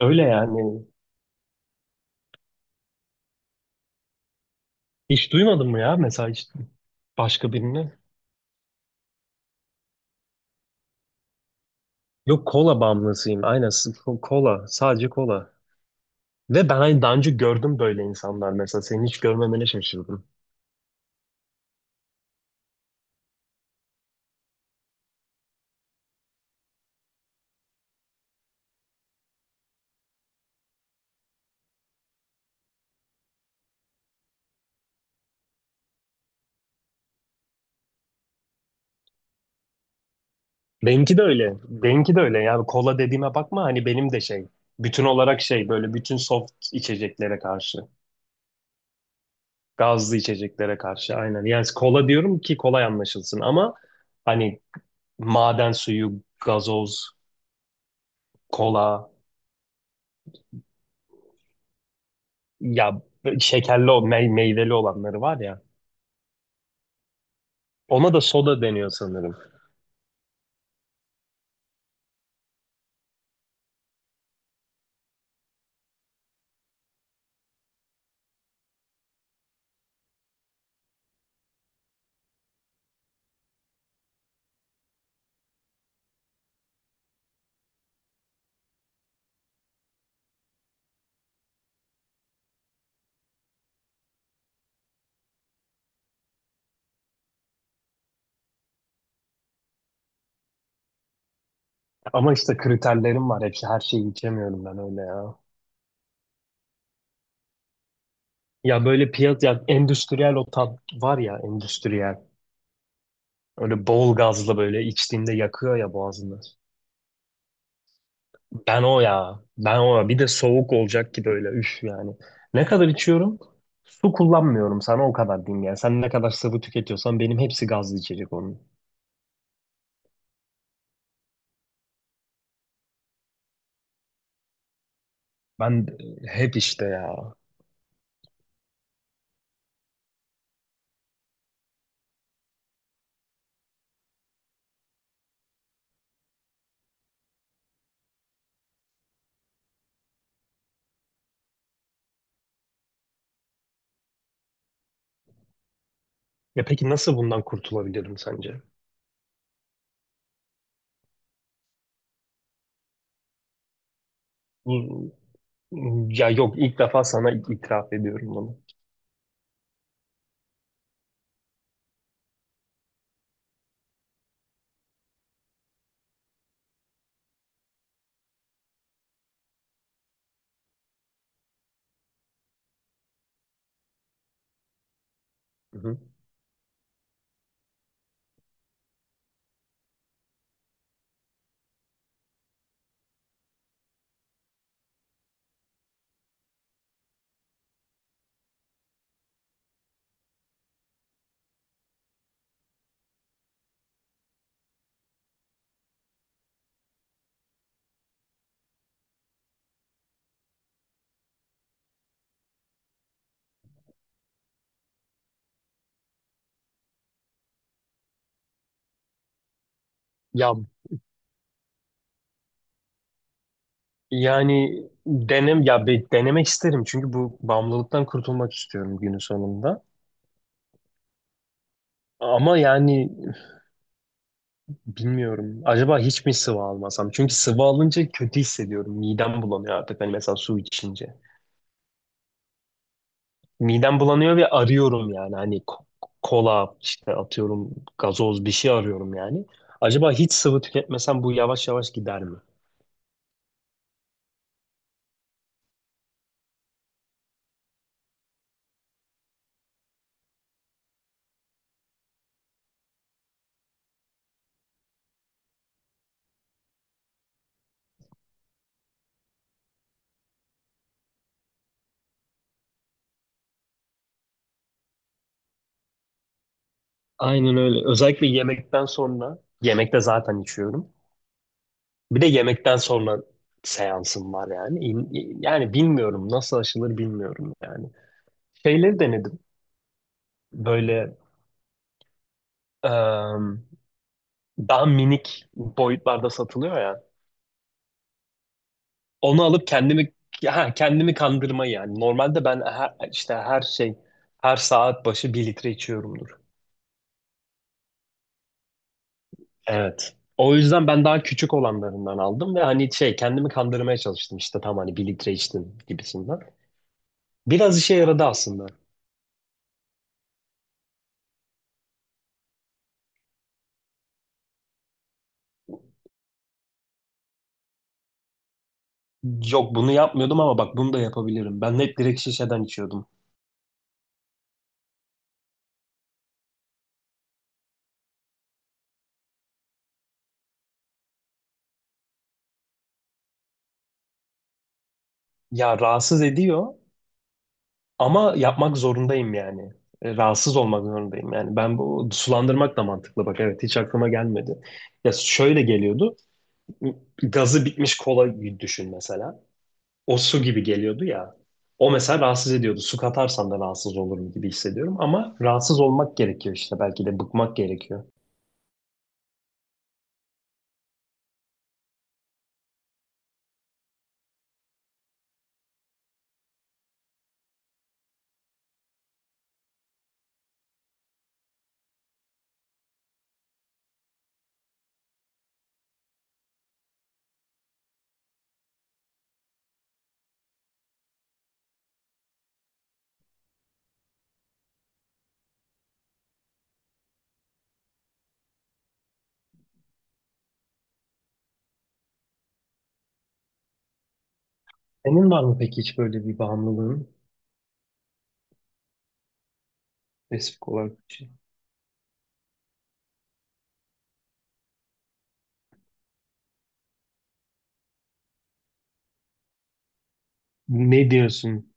Öyle yani. Hiç duymadın mı ya, mesela hiç başka birini? Yok, kola bağımlısıyım. Aynen kola. Sadece kola. Ve ben hani daha önce gördüm böyle insanlar mesela. Seni hiç görmemene şaşırdım. Benimki de öyle. Benimki de öyle. Yani kola dediğime bakma, hani benim de şey. Bütün olarak şey, böyle bütün soft içeceklere karşı. Gazlı içeceklere karşı, aynen. Yani kola diyorum ki kolay anlaşılsın ama hani maden suyu, gazoz, kola. Ya, şekerli o meyveli olanları var ya. Ona da soda deniyor sanırım. Ama işte kriterlerim var hepsi. Her şeyi içemiyorum ben öyle ya. Ya böyle piyaz ya endüstriyel, o tat var ya, endüstriyel. Öyle bol gazlı böyle içtiğinde yakıyor ya boğazını. Ben o ya. Ben o ya. Bir de soğuk olacak ki böyle, üf yani. Ne kadar içiyorum? Su kullanmıyorum, sana o kadar diyeyim yani. Sen ne kadar sıvı tüketiyorsan benim hepsi gazlı içecek onun. Ben hep işte ya. Ya peki nasıl bundan kurtulabilirim sence? Bu ya Yok, ilk defa sana itiraf ediyorum bunu. Hı hı. Ya yani denemek isterim çünkü bu bağımlılıktan kurtulmak istiyorum günün sonunda. Ama yani bilmiyorum. Acaba hiç mi sıvı almasam? Çünkü sıvı alınca kötü hissediyorum. Midem bulanıyor artık. Hani mesela su içince. Midem bulanıyor ve arıyorum yani. Hani kola işte, atıyorum, gazoz, bir şey arıyorum yani. Acaba hiç sıvı tüketmesem bu yavaş yavaş gider mi? Aynen öyle. Özellikle yemekten sonra, yemekte zaten içiyorum. Bir de yemekten sonra seansım var yani. Yani bilmiyorum, nasıl aşılır bilmiyorum yani. Şeyleri denedim. Böyle em, daha minik boyutlarda satılıyor ya. Onu alıp kendimi, ha, kendimi kandırma yani. Normalde ben işte her şey, her saat başı bir litre içiyorumdur. Evet. O yüzden ben daha küçük olanlarından aldım ve hani şey, kendimi kandırmaya çalıştım işte tam hani bir litre içtim gibisinden. Biraz işe yaradı aslında. Yok, bunu yapmıyordum ama bak bunu da yapabilirim. Ben hep direkt şişeden içiyordum. Ya rahatsız ediyor ama yapmak zorundayım yani. Rahatsız olmak zorundayım yani. Ben bu, sulandırmak da mantıklı, bak evet, hiç aklıma gelmedi. Ya şöyle geliyordu. Gazı bitmiş kola düşün mesela. O su gibi geliyordu ya. O mesela rahatsız ediyordu. Su katarsan da rahatsız olurum gibi hissediyorum. Ama rahatsız olmak gerekiyor işte. Belki de bıkmak gerekiyor. Senin var mı peki hiç böyle bir bağımlılığın spesifik olarak? Bir şey? Ne diyorsun?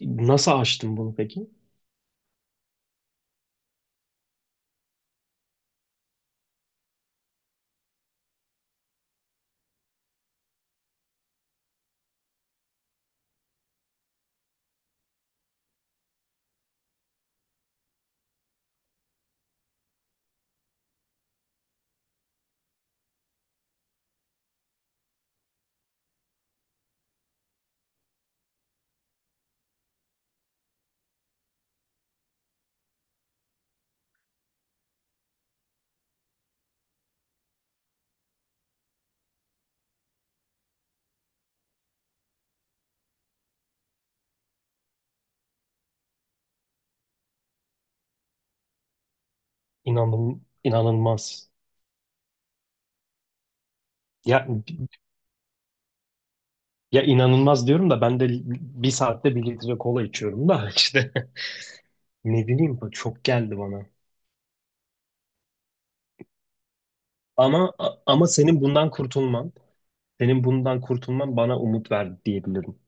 Nasıl aştın bunu peki? İnanın, inanılmaz. Ya, ya inanılmaz diyorum da ben de bir saatte bir litre kola içiyorum da işte. Ne bileyim, bu çok geldi bana. Ama Ama senin bundan kurtulman, senin bundan kurtulman bana umut verdi diyebilirim.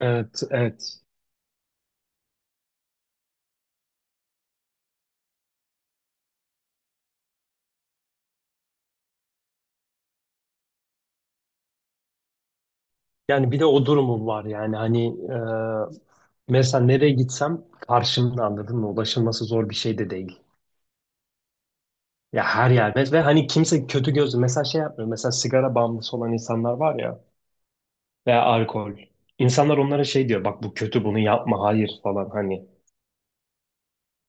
Evet, evet. Yani bir de o durumum var yani, hani mesela nereye gitsem karşımda, anladın mı? Ulaşılması zor bir şey de değil. Ya her yer, ve hani kimse kötü gözlü mesela şey yapmıyor. Mesela sigara bağımlısı olan insanlar var ya, veya alkol. İnsanlar onlara şey diyor, bak bu kötü, bunu yapma, hayır falan hani.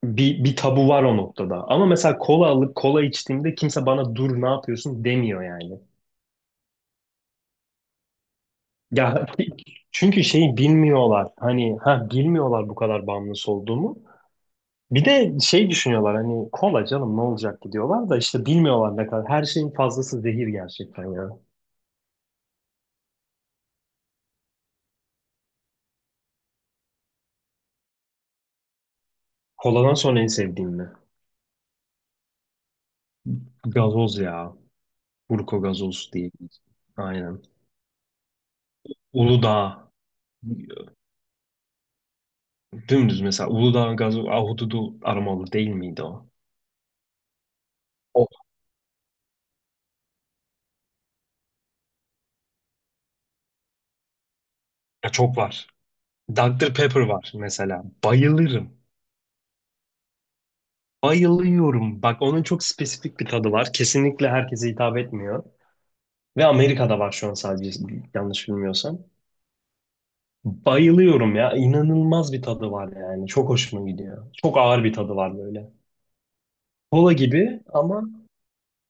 Bir tabu var o noktada. Ama mesela kola alıp kola içtiğimde kimse bana dur ne yapıyorsun demiyor yani. Ya çünkü şeyi bilmiyorlar. Hani ha, bilmiyorlar bu kadar bağımlısı olduğumu. Bir de şey düşünüyorlar, hani kola, canım ne olacak ki diyorlar da işte bilmiyorlar ne kadar. Her şeyin fazlası zehir gerçekten ya. Koladan sonra en sevdiğim ne? Gazoz ya. Burko gazoz diye. Aynen. Uludağ. Dümdüz mesela Uludağ gazoz ahududu aromalı değil miydi o? O, ya çok var. Dr. Pepper var mesela. Bayılırım. Bayılıyorum. Bak onun çok spesifik bir tadı var. Kesinlikle herkese hitap etmiyor. Ve Amerika'da var şu an sadece, yanlış bilmiyorsam. Bayılıyorum ya. İnanılmaz bir tadı var yani. Çok hoşuma gidiyor. Çok ağır bir tadı var böyle. Kola gibi ama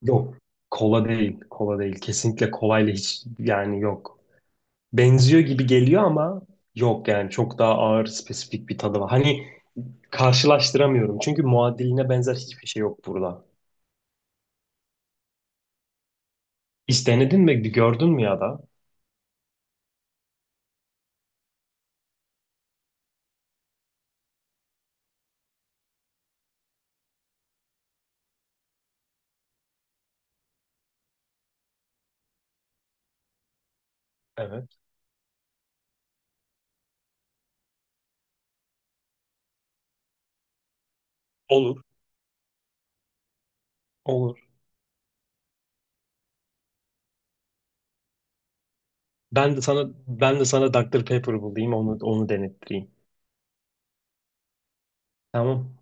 yok. Kola değil. Kola değil. Kesinlikle kolayla hiç, yani yok. Benziyor gibi geliyor ama yok yani. Çok daha ağır spesifik bir tadı var. Hani karşılaştıramıyorum. Çünkü muadiline benzer hiçbir şey yok burada. Hiç denedin mi? Gördün mü ya da? Evet. Olur. Olur. Ben de sana, ben de sana doktor Pepper bulayım, onu onu denettireyim. Tamam.